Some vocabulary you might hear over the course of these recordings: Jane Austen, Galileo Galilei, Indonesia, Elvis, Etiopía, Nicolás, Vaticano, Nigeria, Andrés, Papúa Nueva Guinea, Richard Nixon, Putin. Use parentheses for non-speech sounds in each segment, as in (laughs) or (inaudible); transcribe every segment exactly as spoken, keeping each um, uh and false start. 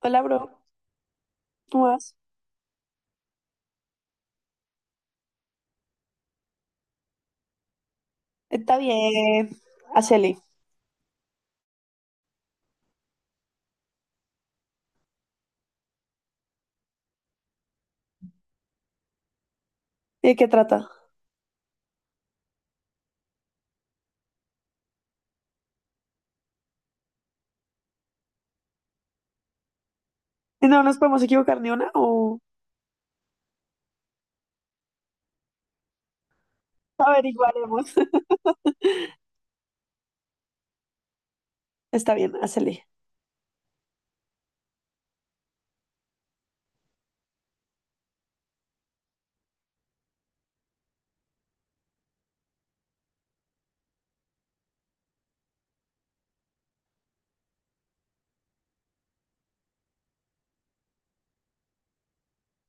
Hola, bro. ¿Cómo vas? Está bien. Hacele. ¿Y ¿De qué trata? No nos podemos equivocar ni una o averiguaremos. (laughs) Está bien, hacele.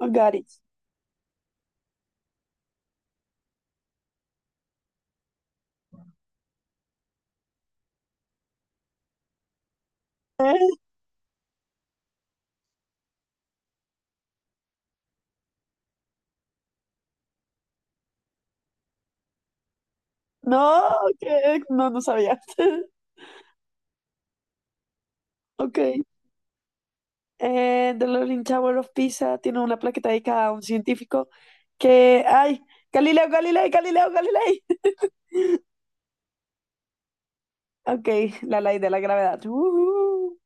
I got it. ¿Eh? No, ¿qué? No, no sabía. (laughs) Ok. Eh, The Leaning Tower of Pisa tiene una plaqueta dedicada a un científico que... ¡Ay! Galileo, Galilei, Galileo, Galilei. (laughs) Ok, la ley de la gravedad. Ujú.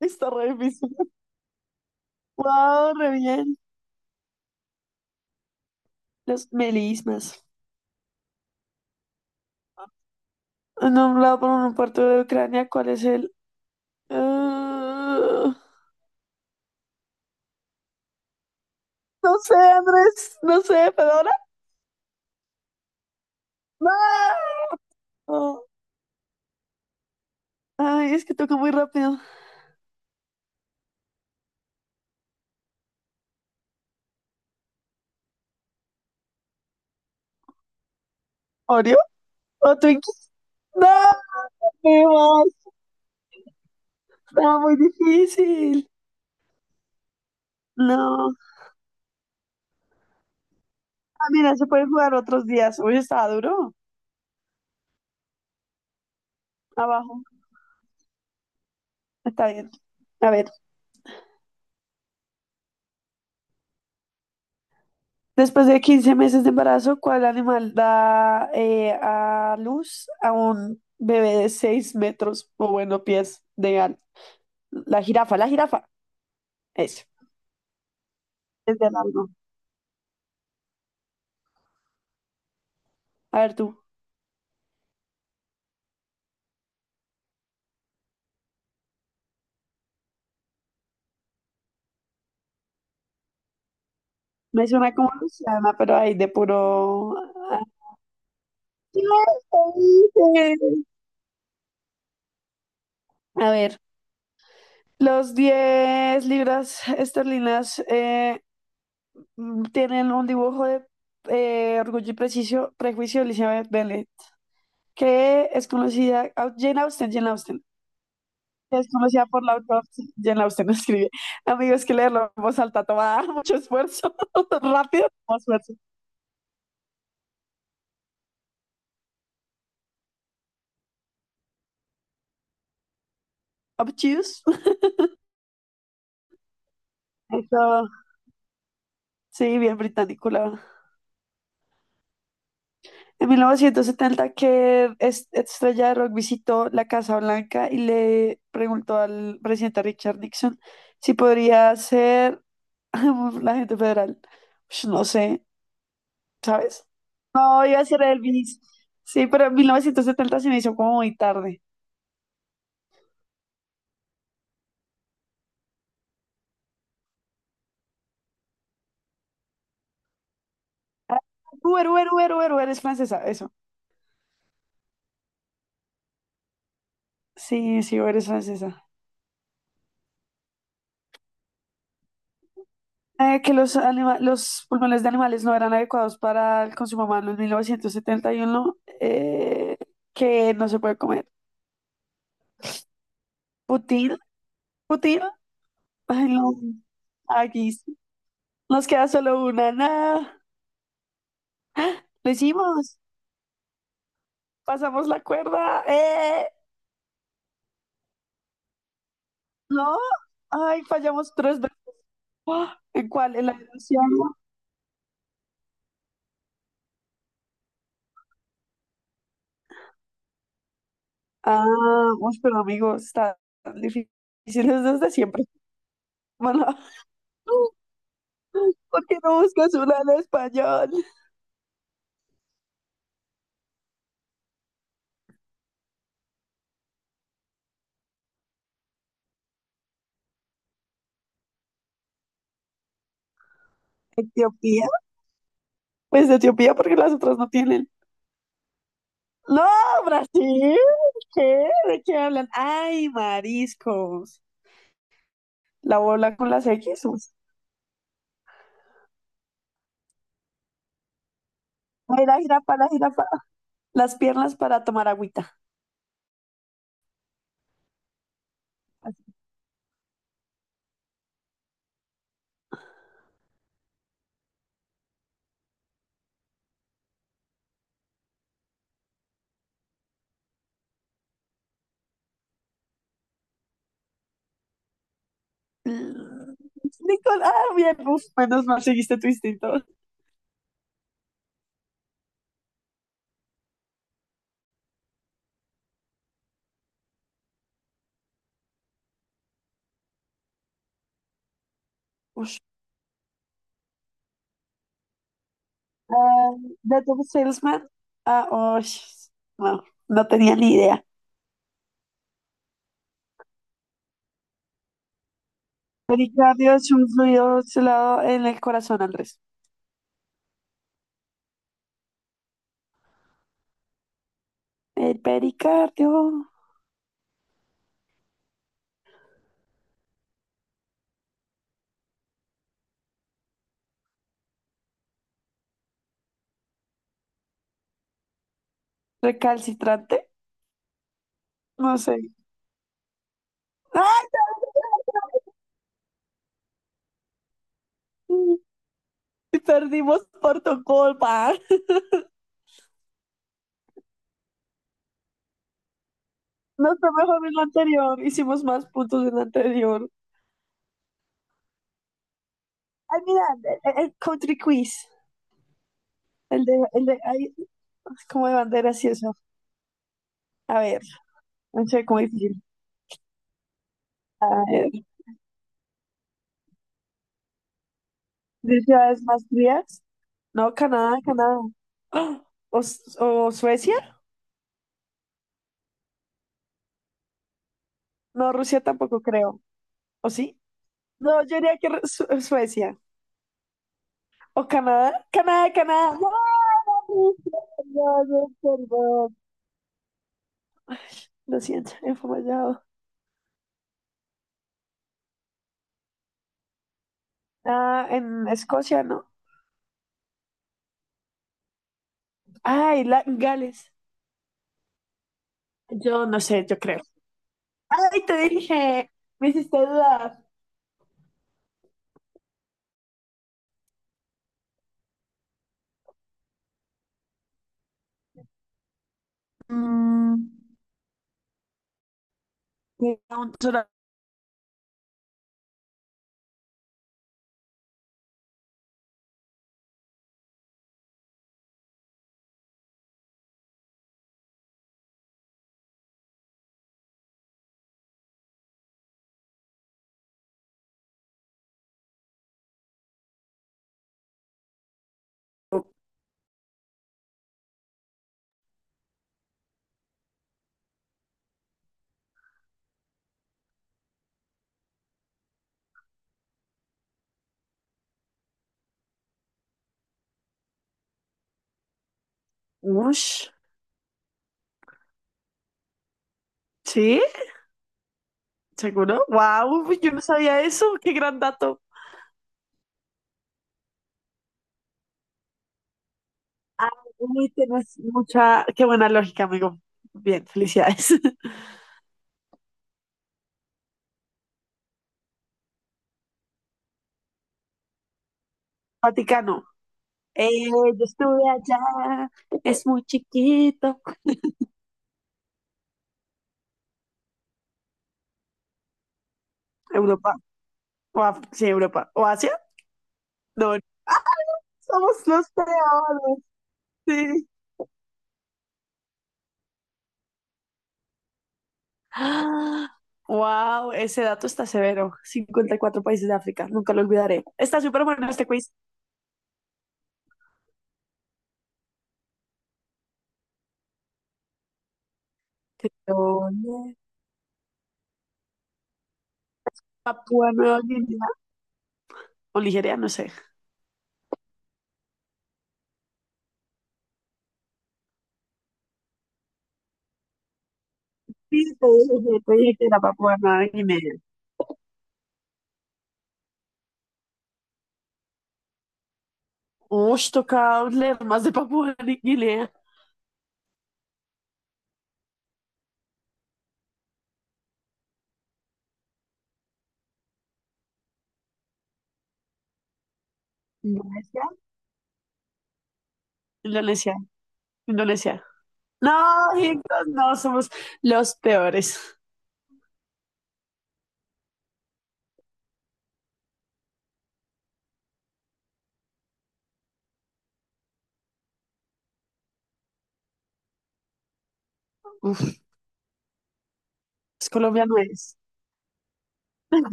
Está re difícil. ¡Wow! Re bien. Los melismas. Nombrado por un puerto de Ucrania, ¿cuál es el...? Ah, no sé, Andrés, no sé, Fedora. No. Oh, ay, es que toca muy rápido. ¿Oreo o Twinkies? No, me va, está muy difícil. No. Ah, mira, se pueden jugar otros días. Hoy estaba duro. Abajo. Está bien. A ver. Después de quince meses de embarazo, ¿cuál animal da eh, a luz a un bebé de seis metros o bueno, pies de al? La jirafa, la jirafa. Eso. Es de largo. A ver tú. Me suena como Luciana, pero ahí de puro. ¿Qué te hice? A ver. Los diez libras esterlinas eh, tienen un dibujo de eh, Orgullo y Prejuicio, Prejuicio de Elizabeth Bennet, que es conocida. ah, Jane Austen, Jane Austen. Que es conocida por la autora. Jane Austen (laughs) escribe. Amigos, que leerlo en voz alta toma mucho esfuerzo. (laughs) Rápido, mucho esfuerzo. Obtuse. Eso Sí, bien británico, la verdad. En mil novecientos setenta que es- estrella de rock visitó la Casa Blanca y le preguntó al presidente Richard Nixon si podría ser (laughs) la gente federal. Ush, no sé, ¿sabes? No, iba a ser Elvis. Sí, pero en mil novecientos setenta se me hizo como muy tarde. Uber, Uber, Uber, Uber, Uber es francesa, eso. Sí, sí, Uber es francesa. Eh, que los, anima- los pulmones de animales no eran adecuados para el consumo humano en mil novecientos setenta y uno, eh, que no se puede comer. Putin, Putin, ay, no, aquí sí. Nos queda solo una, nada, lo hicimos, pasamos la cuerda, eh, no, ay, fallamos tres veces. Ah, ¿en cuál? ¿En la ilusión? Ah, uy, pero amigos, está difícil desde siempre. Bueno, (laughs) ¿por qué no buscas una en español? Etiopía. Pues Etiopía porque las otras no tienen. No, Brasil. ¿Qué? ¿De qué hablan? Ay, mariscos. La bola con las X. Ay, la jirafa, la jirafa. Las piernas para tomar agüita. Así. Mm, Nicolás, ah, bien, uf, menos mal seguiste tu instinto. Ush. Ah, de tu salesman. Ah, ush, no, no tenía ni idea. Pericardio es un fluido celado en el corazón, Andrés. El pericardio recalcitrante. No sé. ¡Ay, no! Perdimos por tu culpa. (laughs) No fue mejor en la anterior. Hicimos más puntos en la anterior. Ay, mira, el, el- el country quiz. El de, el de, ay, como de banderas y eso. A ver, no sé cómo difícil. A ver, ¿de ciudades más frías? No, Canadá, Canadá. (gasps) ¡Ah! ¿O, S- o Suecia? No, Rusia tampoco creo. ¿O sí? No, yo diría que Ru- Su- Suecia. O Canadá, Canadá, Canadá. ¡Wow! Perdón, perdón. Lo siento, he fallado. Ah, en Escocia, ¿no? Ay, la, Gales. Yo no sé, yo creo. Ay, te dije, me hiciste dudar. Mm, me un tora- Ush, ¿sí? ¿Seguro? ¡Wow! Yo no sabía eso. ¡Qué gran dato! Ay, uy, tienes mucha... ¡Qué buena lógica, amigo! Bien, felicidades. (laughs) Vaticano. Eh, yo estuve allá, es muy chiquito. Europa, o Af- sí, Europa, o Asia, no, somos los peores, sí. ¡Ah! Wow, ese dato está severo. Cincuenta y cuatro países de África, nunca lo olvidaré. Está súper bueno este quiz. ¿Dónde? Papúa Nueva Guinea o Nigeria, no sé. Sí, te dije, te dije que era Papúa Nueva Guinea. Uy, toca leer más de Papúa Nueva Guinea. ¿Indonesia? Indonesia, Indonesia. No, chicos, no, somos los peores. Uf, es Colombia no es.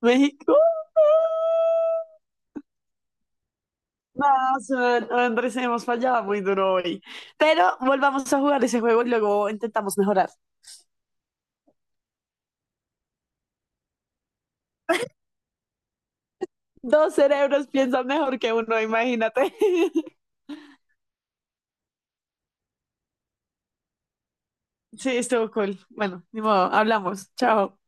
México. No, son- Andrés, hemos fallado muy duro hoy. Pero volvamos a jugar ese juego y luego intentamos mejorar. Dos cerebros piensan mejor que uno, imagínate. (laughs) Sí, estuvo cool. Bueno, ni modo, hablamos. Chao.